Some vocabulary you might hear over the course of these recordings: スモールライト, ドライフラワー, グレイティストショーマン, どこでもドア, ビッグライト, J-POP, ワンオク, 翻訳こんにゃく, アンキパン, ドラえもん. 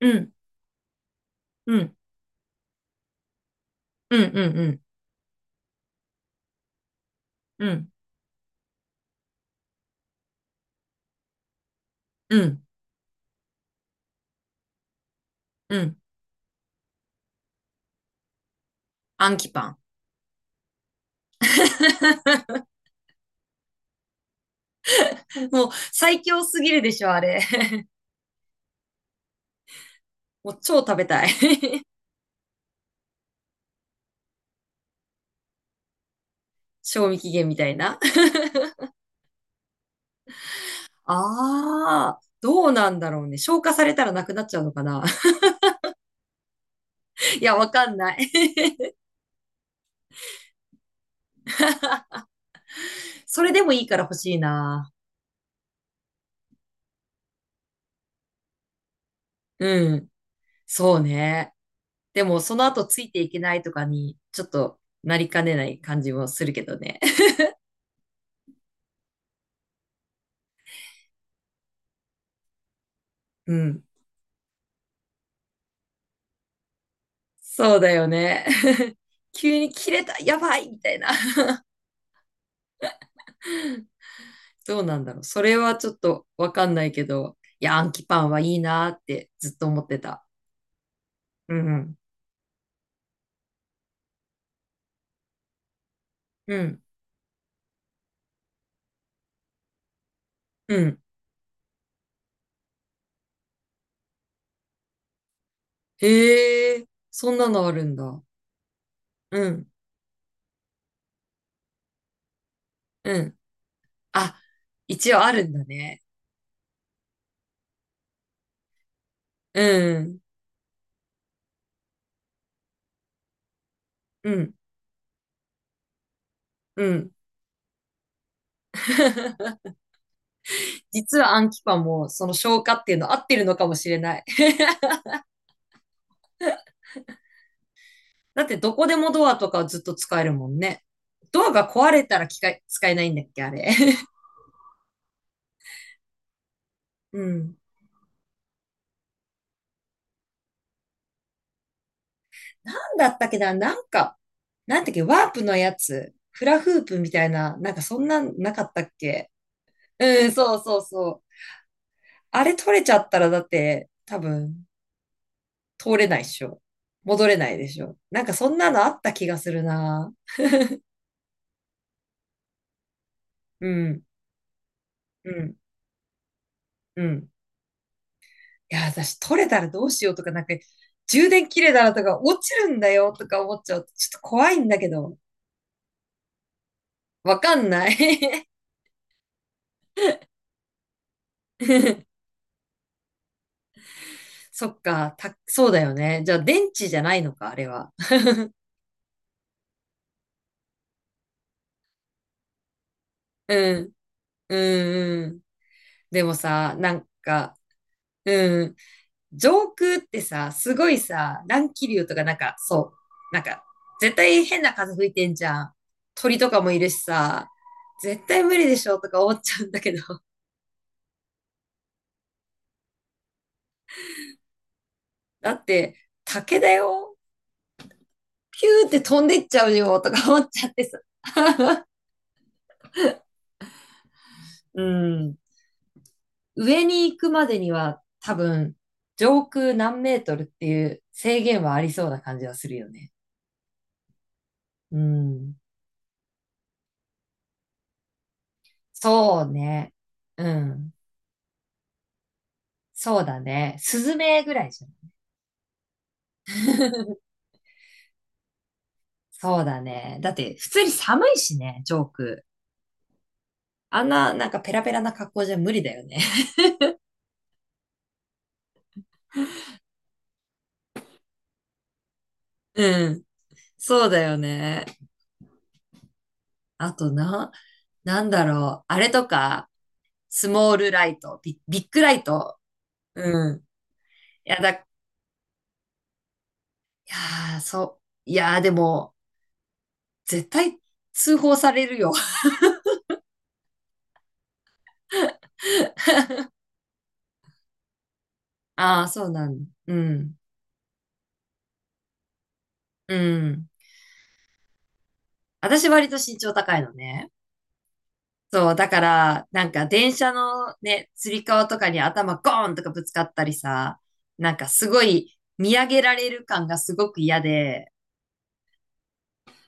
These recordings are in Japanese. うん、うん、うん、うん、うん、うん、うん、うん。アンキパン。もう最強すぎるでしょ、あれ。もう超食べたい。賞味期限みたいな。ああ、どうなんだろうね。消化されたらなくなっちゃうのかな。いや、わかんない。それでもいいから欲しいな。うん。そうね。でも、その後ついていけないとかに、ちょっとなりかねない感じもするけどね。うん。そうだよね。急に切れた、やばいみたいな。どうなんだろう。それはちょっとわかんないけど、いや、アンキパンはいいなーってずっと思ってた。うんうん。うん。へえ、そんなのあるんだ。うん。うん。あ、一応あるんだね。うん。うん。うん。実はアンキパンもその消化っていうの合ってるのかもしれない。だってどこでもドアとかずっと使えるもんね。ドアが壊れたら機械使えないんだっけ、あれ。うん。だったっけな、なんか、なんだっけ、ワープのやつ、フラフープみたいな、なんかそんなんなかったっけ。うん、そうそうそう。あれ取れちゃったらだって、多分、通れないっしょ。戻れないでしょ。なんかそんなのあった気がするな。うん、うん、うん。いや、私取れたらどうしようとか、なんか、充電切れたらとか、落ちるんだよとか思っちゃうと、ちょっと怖いんだけど、わかんない。そっか、そうだよね。じゃあ電池じゃないのか、あれは。うん。うんうん。でもさ、なんか、うん、上空ってさ、すごいさ、乱気流とかなんか、そう、なんか、絶対変な風吹いてんじゃん。鳥とかもいるしさ、絶対無理でしょとか思っちゃうんだけど、だって、竹だよ。ピューって飛んでっちゃうよとか思っちゃってさ。うん。上に行くまでには多分、上空何メートルっていう制限はありそうな感じはするよね。うん。そうね。うん。そうだね。スズメぐらいじゃん。そうだね。だって、普通に寒いしね、ジョーク。あんな、なんかペラペラな格好じゃ無理だよね。うん。そうだよね。あとな、なんだろう。あれとか、スモールライト、ビッグライト。うん。いやだ、いやー、そう。いやー、でも、絶対通報されるよ。ああ、そうなんだ。うん。うん。私割と身長高いのね。そう、だから、なんか電車のね、つり革とかに頭ゴーンとかぶつかったりさ、なんかすごい見上げられる感がすごく嫌で、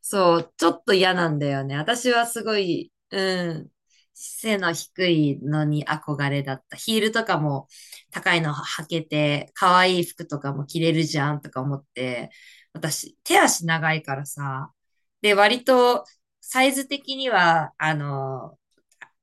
そう、ちょっと嫌なんだよね。私はすごい、うん、背の低いのに憧れだった。ヒールとかも高いの履けて、可愛い服とかも着れるじゃんとか思って、私、手足長いからさ、で、割とサイズ的には、あの、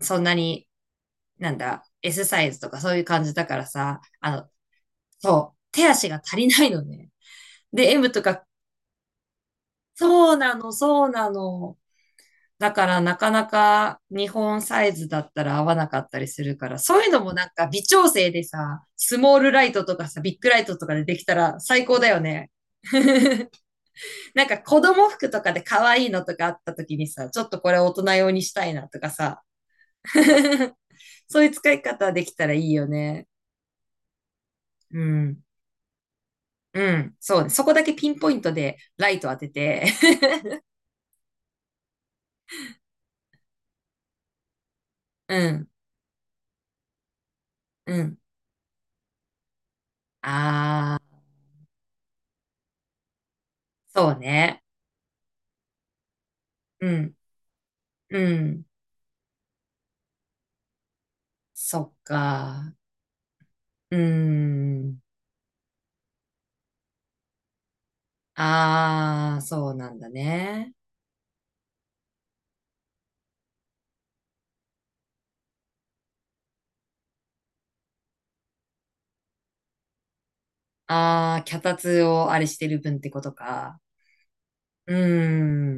そんなになんだ、Sサイズとかそういう感じだからさ、あの、そう、手足が足りないのね。で、M とか、そうなの、そうなの。だからなかなか日本サイズだったら合わなかったりするから、そういうのもなんか微調整でさ、スモールライトとかさ、ビッグライトとかでできたら最高だよね。なんか子供服とかで可愛いのとかあった時にさ、ちょっとこれ大人用にしたいなとかさ、そういう使い方できたらいいよね。うん。うん、そうね。そこだけピンポイントでライト当てて。うん、うん。ああ、そうね。うん、うん。そっか。うん。ああ、そうなんだね。ああ、脚立をあれしてる分ってことか。うー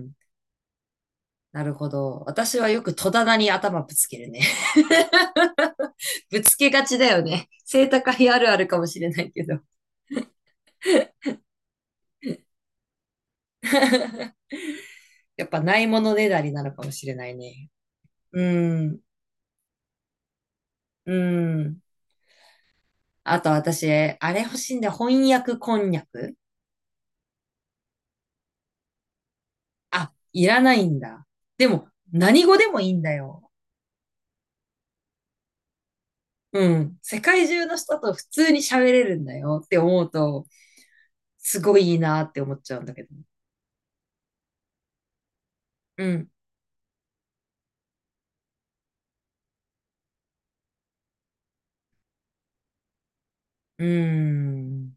ん。なるほど。私はよく戸棚に頭ぶつけるね。ぶつけがちだよね。背高いあるあるかもしれないけど。やっぱないものねだりなのかもしれないね。うーん。うん。あと私、あれ欲しいんだよ。翻訳こんにゃく。あ、いらないんだ。でも、何語でもいいんだよ。うん。世界中の人と普通に喋れるんだよって思うと、すごいいいなって思っちゃうんだけど。うん。うーん。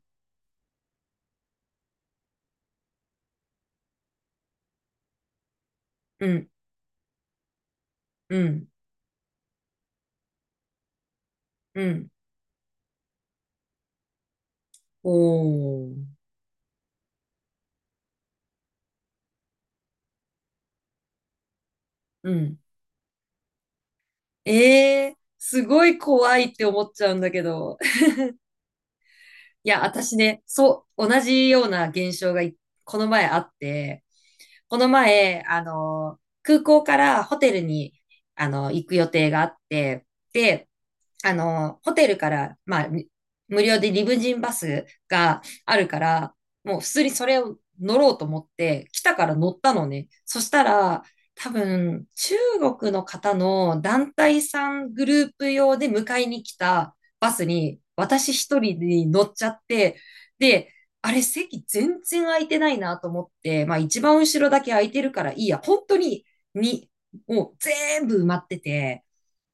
うん。うん。うん。おー。うん。えー、すごい怖いって思っちゃうんだけど。いや、私ね、そう、同じような現象がこの前あって、この前、あの、空港からホテルに、あの、行く予定があって、で、あの、ホテルから、まあ、無料でリムジンバスがあるから、もう普通にそれを乗ろうと思って、来たから乗ったのね。そしたら、多分、中国の方の団体さんグループ用で迎えに来たバスに、私一人に乗っちゃって、で、あれ席全然空いてないなと思って、まあ一番後ろだけ空いてるからいいや、本当に、に、もう全部埋まってて、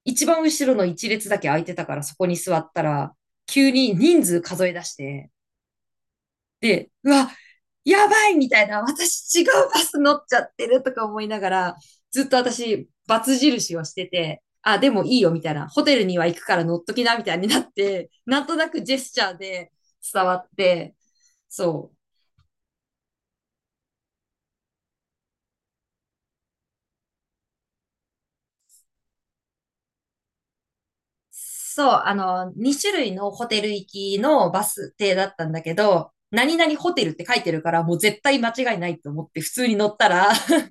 一番後ろの一列だけ空いてたからそこに座ったら、急に人数数え出して、で、うわ、やばいみたいな、私違うバス乗っちゃってるとか思いながら、ずっと私、バツ印をしてて、あ、でもいいよみたいな、ホテルには行くから乗っときなみたいになって、なんとなくジェスチャーで伝わって、そう。そう、あの、2種類のホテル行きのバス停だったんだけど、何々ホテルって書いてるから、もう絶対間違いないと思って普通に乗ったら、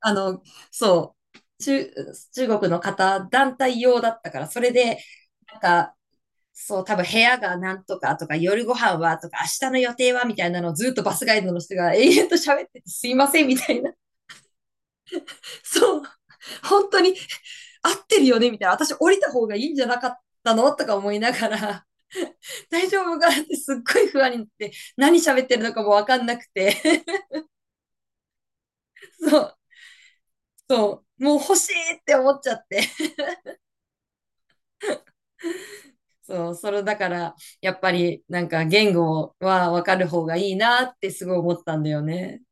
あの、そう、中国の方、団体用だったから、それで、なんか、そう、多分部屋がなんとかとか、夜ご飯はとか、明日の予定はみたいなのをずっとバスガイドの人が永遠と喋ってて、すいませんみたいな。そう、本当に合ってるよねみたいな。私降りた方がいいんじゃなかったのとか思いながら、大丈夫かってすっごい不安になって、何喋ってるのかもわかんなくて、そう、そう、もう欲しいって思っちゃって。そう、それだから、やっぱりなんか言語はわかる方がいいなってすごい思ったんだよね。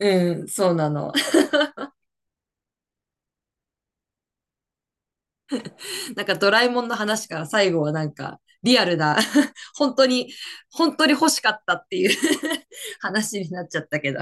うん、そうなの。なんかドラえもんの話から最後はなんかリアルな、本当に、本当に欲しかったっていう 話になっちゃったけど。